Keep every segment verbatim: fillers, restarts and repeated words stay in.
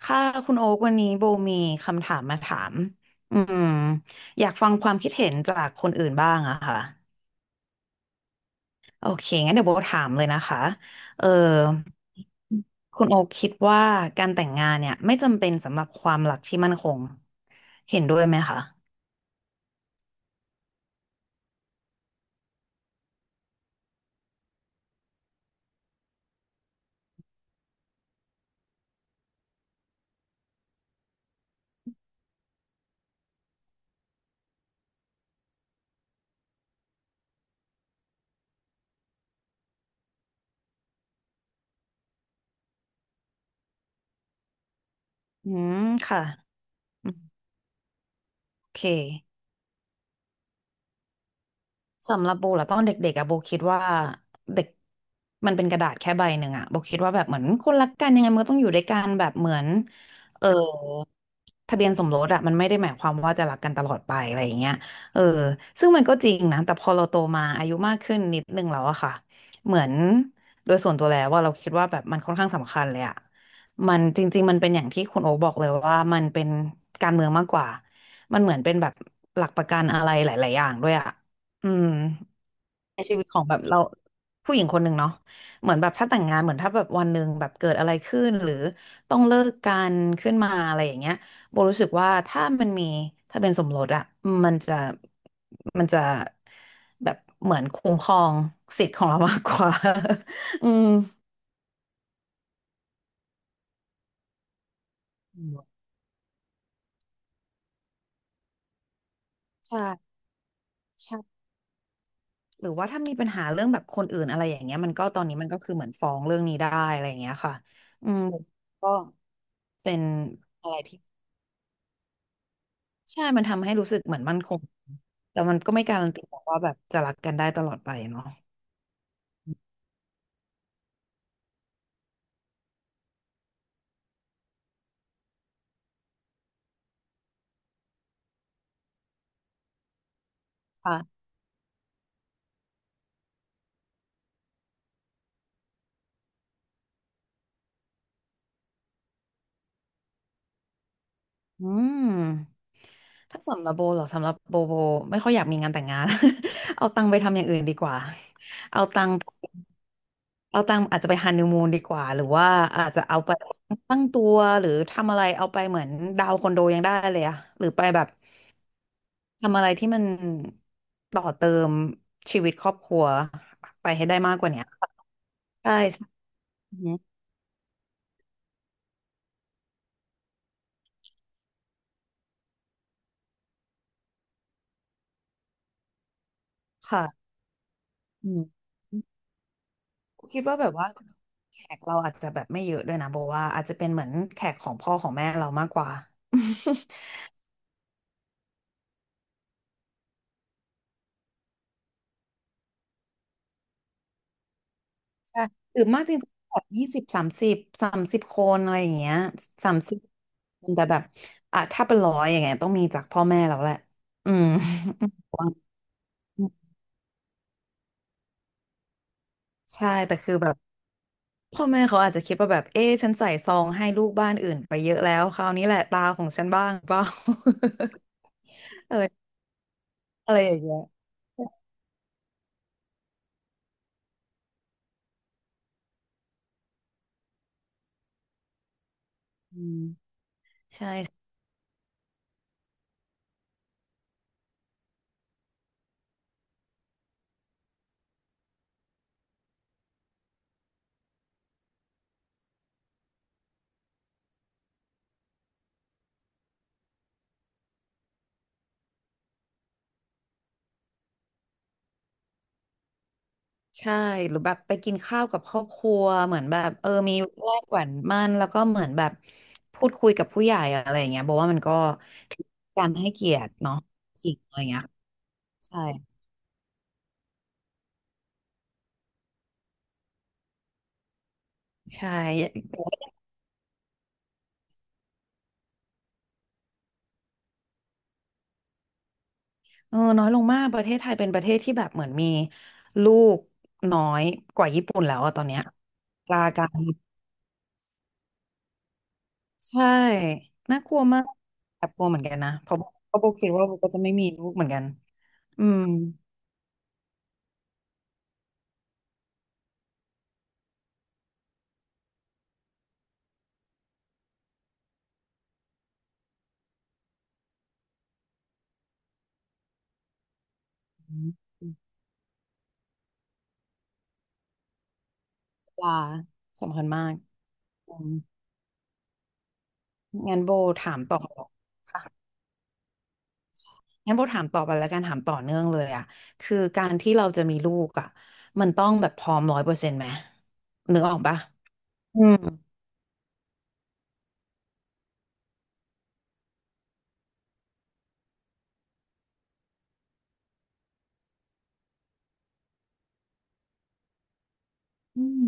ค่ะคุณโอ๊กวันนี้โบมีคำถามมาถามอืมอยากฟังความคิดเห็นจากคนอื่นบ้างอะค่ะโอเคงั้นเดี๋ยวโบถามเลยนะคะเออคุณโอ๊กคิดว่าการแต่งงานเนี่ยไม่จำเป็นสำหรับความรักที่มั่นคงเห็นด้วยไหมคะอืมค่ะอืมโอเคสำหรับโบเหรอตอนเด็กๆอะโบคิดว่าเด็กมันเป็นกระดาษแค่ใบหนึ่งอะโบคิดว่าแบบเหมือนคนรักกันยังไงมันก็ต้องอยู่ด้วยกันแบบเหมือนเออ ทะเบียนสมรสอะมันไม่ได้หมายความว่าจะรักกันตลอดไปอะไรอย่างเงี้ยเออซึ่งมันก็จริงนะแต่พอเราโตมาอายุมากขึ้นนิดนึงแล้วอะค่ะเหมือนโดยส่วนตัวแล้วว่าเราคิดว่าแบบมันค่อนข้างสำคัญเลยอะมันจริงๆมันเป็นอย่างที่คุณโอ๊คบอกเลยว่ามันเป็นการเมืองมากกว่า มันเหมือนเป็นแบบหลักประกันอะไรหลายๆอย่างด้วยอะอืม ในชีวิตของแบบเราผู้หญิงคนหนึ่งเนาะเหมือนแบบถ้าแต่งงานเหมือนถ้าแบบวันหนึ่งแบบเกิดอะไรขึ้นหรือต้องเลิกกันขึ้นมาอะไรอย่างเงี้ยโบรู้สึกว่าถ้ามันมีถ้าเป็นสมรสอะมันจะมันจะแบบเหมือนคุ้มครองสิทธิ์ของเรามากกว่า อืมใช่ใช่หรือว่าถ้ามีปัญหาเรื่องแบบคนอื่นอะไรอย่างเงี้ยมันก็ตอนนี้มันก็คือเหมือนฟ้องเรื่องนี้ได้อะไรอย่างเงี้ยค่ะอืมก็เป็นอะไรที่ ใช่ มันทำให้รู้สึกเหมือนมั่นคงแต่มันก็ไม่การันตีหรอกว่าแบบจะรักกันได้ตลอดไปเนาะค่ะอืมถ้าสำหรับโบเหรอสำหรับโบโบไม่ค่อยอยากมีงานแต่งงาน เอาตังค์ไปทำอย่างอื่นดีกว่า เอาตังค์เอาตังค์อาจจะไปฮันนีมูนดีกว่า หรือว่าอาจจะเอาไปตั้งตัวหรือทำอะไรเอาไปเหมือนดาวน์คอนโดยังได้เลยอะหรือไปแบบทำอะไรที่มันต่อเติมชีวิตครอบครัวไปให้ได้มากกว่าเนี้ยใช่ใช่อือฮึค่ะ อืมคิดว่าแบบว่าแขกเราอาจจะแบบไม่เยอะด้วยนะบอกว่าอาจจะเป็นเหมือนแขกของพ่อของแม่เรามากกว่า ใช่หรือมากจริงๆแบบยี่สิบสามสิบสามสิบคนอะไรอย่างเงี้ยสามสิบแต่แบบอ่ะถ้าเป็นร้อยอย่างเงี้ยต้องมีจากพ่อแม่เราแหละอืม ใช่แต่คือแบบพ่อแม่เขาอาจจะคิดว่าแบบเอ๊ะฉันใส่ซองให้ลูกบ้านอื่นไปเยอะแล้วคราวนี้แหละตาของฉันบ้างเปล่า อะไรอะไรอย่างเงี้ยอืมใช่ ใช่หรือแบบไปกินข้าวกับครอบครัวเหมือนแบบเออมีแลกหวานมันแล้วก็เหมือนแบบพูดคุยกับผู้ใหญ่อะไรอย่างเงี้ยบอกว่ามันก็การให้เกียรติเนาะอีกอะไรเงี้ยใช่ใช่เออน้อยลงมากประเทศไทยเป็นประเทศที่แบบเหมือนมีลูกน้อยกว่าญี่ปุ่นแล้วอะตอนเนี้ยกลาการใช่น่ากลัวมากแอบกลัวเหมือนกันนะเพราะเพราะโบคิดว่าโบก็จะไม่มีลูกเหมือนกันอืมปลาสำคัญมากอืม งั้นโบถามต่อค่ะงั้นโบถามต่อไปแล้วกันถามต่อเนื่องเลยอ่ะคือการที่เราจะมีลูกอ่ะมันต้องแบบพร้อมร้อยเปอร์เซ็นต์ไหมนึกออกปะอืมอืม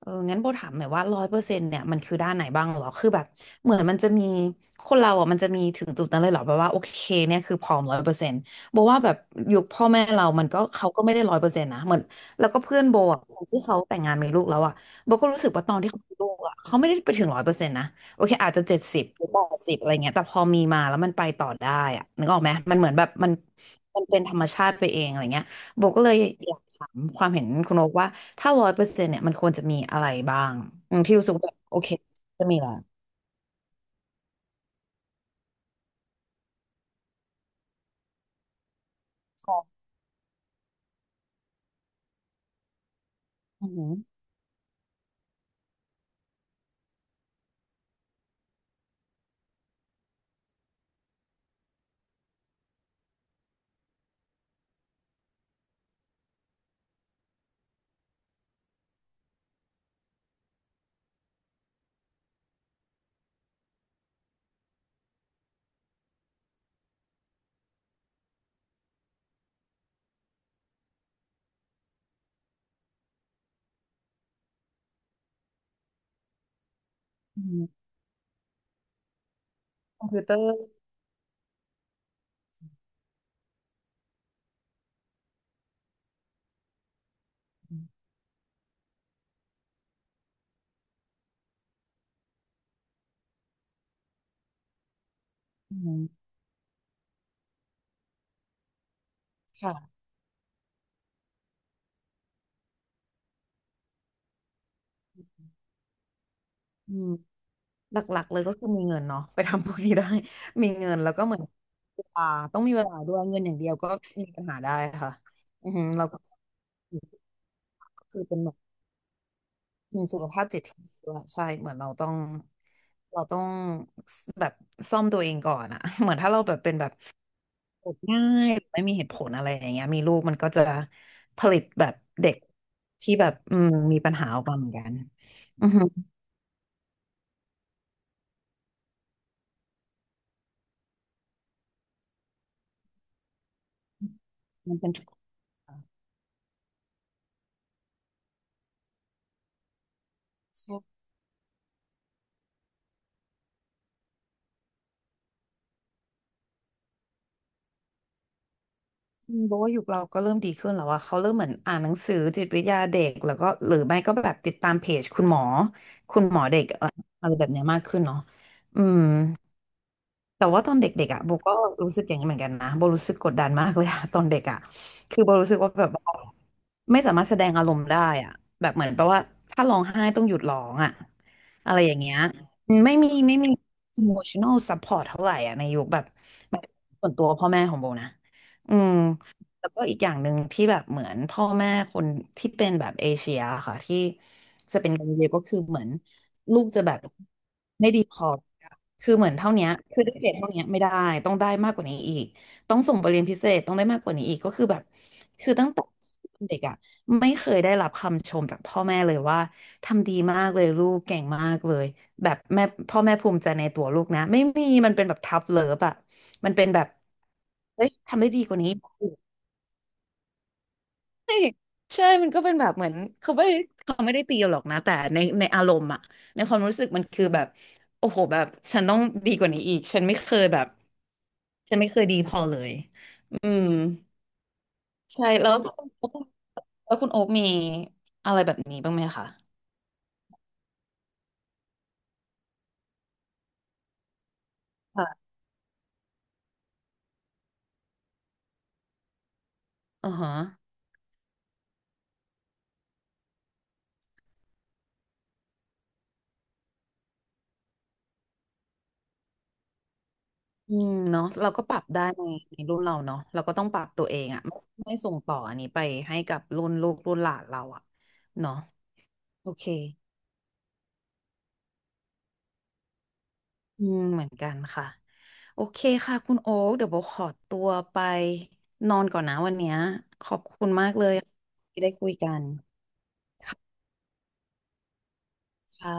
เอองั้นโบถามหน่อยว่าร้อยเปอร์เซ็นต์เนี่ยมันคือด้านไหนบ้างเหรอคือแบบเหมือนมันจะมีคนเราอ่ะมันจะมีถึงจุดนั้นเลยเหรอแบบว่าโอเคเนี่ยคือพร้อมร้อยเปอร์เซ็นต์โบว่าแบบยุคพ่อแม่เรามันก็เขาก็ไม่ได้ร้อยเปอร์เซ็นต์นะเหมือนแล้วก็เพื่อนโบอ่ะคนที่เขาแต่งงานมีลูกแล้วอ่ะโบก็รู้สึกว่าตอนที่เขามีลูกอ่ะเขาไม่ได้ไปถึงร้อยเปอร์เซ็นต์นะโอเคอาจจะเจ็ดสิบหรือแปดสิบอะไรเงี้ยแต่พอมีมาแล้วมันไปต่อได้อ่ะนึกออกไหมมันเหมือนแบบมันมันเป็นธรรมชาติไปเองอะไรเงี้ย โบก็เลยอยากถามความเห็นคุณโอ๊กว่าถ้าร้อยเปอร์เซ็นต์เนี่ยมันควรจะมีอะไรบ้างอืมที่รู้สึกว่าแบบโอเคจะมีละคอมอืมอืมคอมพิวเตอร์อืมค่ะอืมหลักๆเลยก็คือมีเงินเนาะไปทำพวกนี้ได้ มีเงินแล้วก็เหมือนเวลาต้องมีเวลาด้วยเงินอย่างเดียวก็มีปัญหาได้ค่ะอือหือเราก็คือเป็นแบบมีสุขภาพจิตที่ดีด้วยใช่เหมือนเราต้องเราต้องแบบซ่อมตัวเองก่อนอะ เหมือนถ้าเราแบบเป็นแบบ กง่ายไม่มีเหตุผลอะไรอย่างเงี้ยมีลูกมันก็จะผลิตแบบเด็กที่แบบอืมมีปัญหาออกมาเหมือนกันอือฮึมันเป็นทุกอย่างใช่อืมบอกว่ายุคเราก็เริ่มดีขึ้นแล้วว่าเขาเริ่มเหมือนอ่านหนังสือจิตวิทยาเด็กแล้วก็หรือไม่ก็แบบติดตามเพจคุณหมอคุณหมอเด็กเอ่ออะไรแบบเนี้ยมากขึ้นเนาะอืม แต่ว่าตอนเด็กๆอ่ะโบก็รู้สึกอย่างนี้เหมือนกันนะโบรู้สึกกดดันมากเลยอะ ตอนเด็กอ่ะคือโบรู้สึกว่าแบบว่าไม่สามารถแสดงอารมณ์ได้อ่ะแบบเหมือนแปลว่าถ้าร้องไห้ต้องหยุดร้องอ่ะอะไรอย่างเงี้ยอืมไม่มีไม่มี emotional support เท่าไหร่อ่ะในยุคแบบแบบส่วนตัวพ่อแม่ของโบนะอืมแล้วก็อีกอย่างหนึ่งที่แบบเหมือนพ่อแม่คนที่เป็นแบบเอเชียค่ะที่จะเป็นกันเยอะก็คือเหมือนลูกจะแบบไม่ดีพอ คือเหมือนเท่าเนี้ยคือได้เกรดเท่าเนี้ยไม่ได้ ต้องได้มากกว่านี้อีก ต้องส่งไปเรียนพิเศษต้องได้มากกว่านี้อีกก็คือแบบ คือตั้งแต่เด็กอ่ะไม่เคยได้รับคำชมจากพ่อแม่เลยว่าทำดีมากเลยลูกเก่งมากเลยแบบแม่พ่อแม่ภูมิใจในตัวลูกนะไม่มีมันเป็นแบบทัฟเลิฟอ่ะมันเป็นแบบเฮ้ยทำได้ดีกว่านี้ ใช่ใช่ มันก็เป็นแบบเหมือนเขาไม่ได้เขาไม่ได้ตีเราหรอกนะแต่ในในอารมณ์อะในความรู้สึกมันคือแบบโอ้โหแบบฉันต้องดีกว่านี้อีกฉันไม่เคยแบบฉันไม่เคยดีพอเลยอืมใช่แล้วแล้วคุณแล้วคุณโอ๊คมีอะไรแบบนี้บ้างไหมคะค่ะอือฮะอืมเนาะเราก็ปรับได้ในในรุ่นเราเนาะเราก็ต้องปรับตัวเองอะไม่ไม่ส่งต่ออันนี้ไปให้กับรุ่นลูกรุ่นหลานเราอะเนาะโอเค อืมเหมือนกันค่ะโอเคค่ะคุณโอ๊คเดี๋ยวโบขอตัวไปนอนก่อนนะวันเนี้ยขอบคุณมากเลยที่ได้คุยกันค่ะ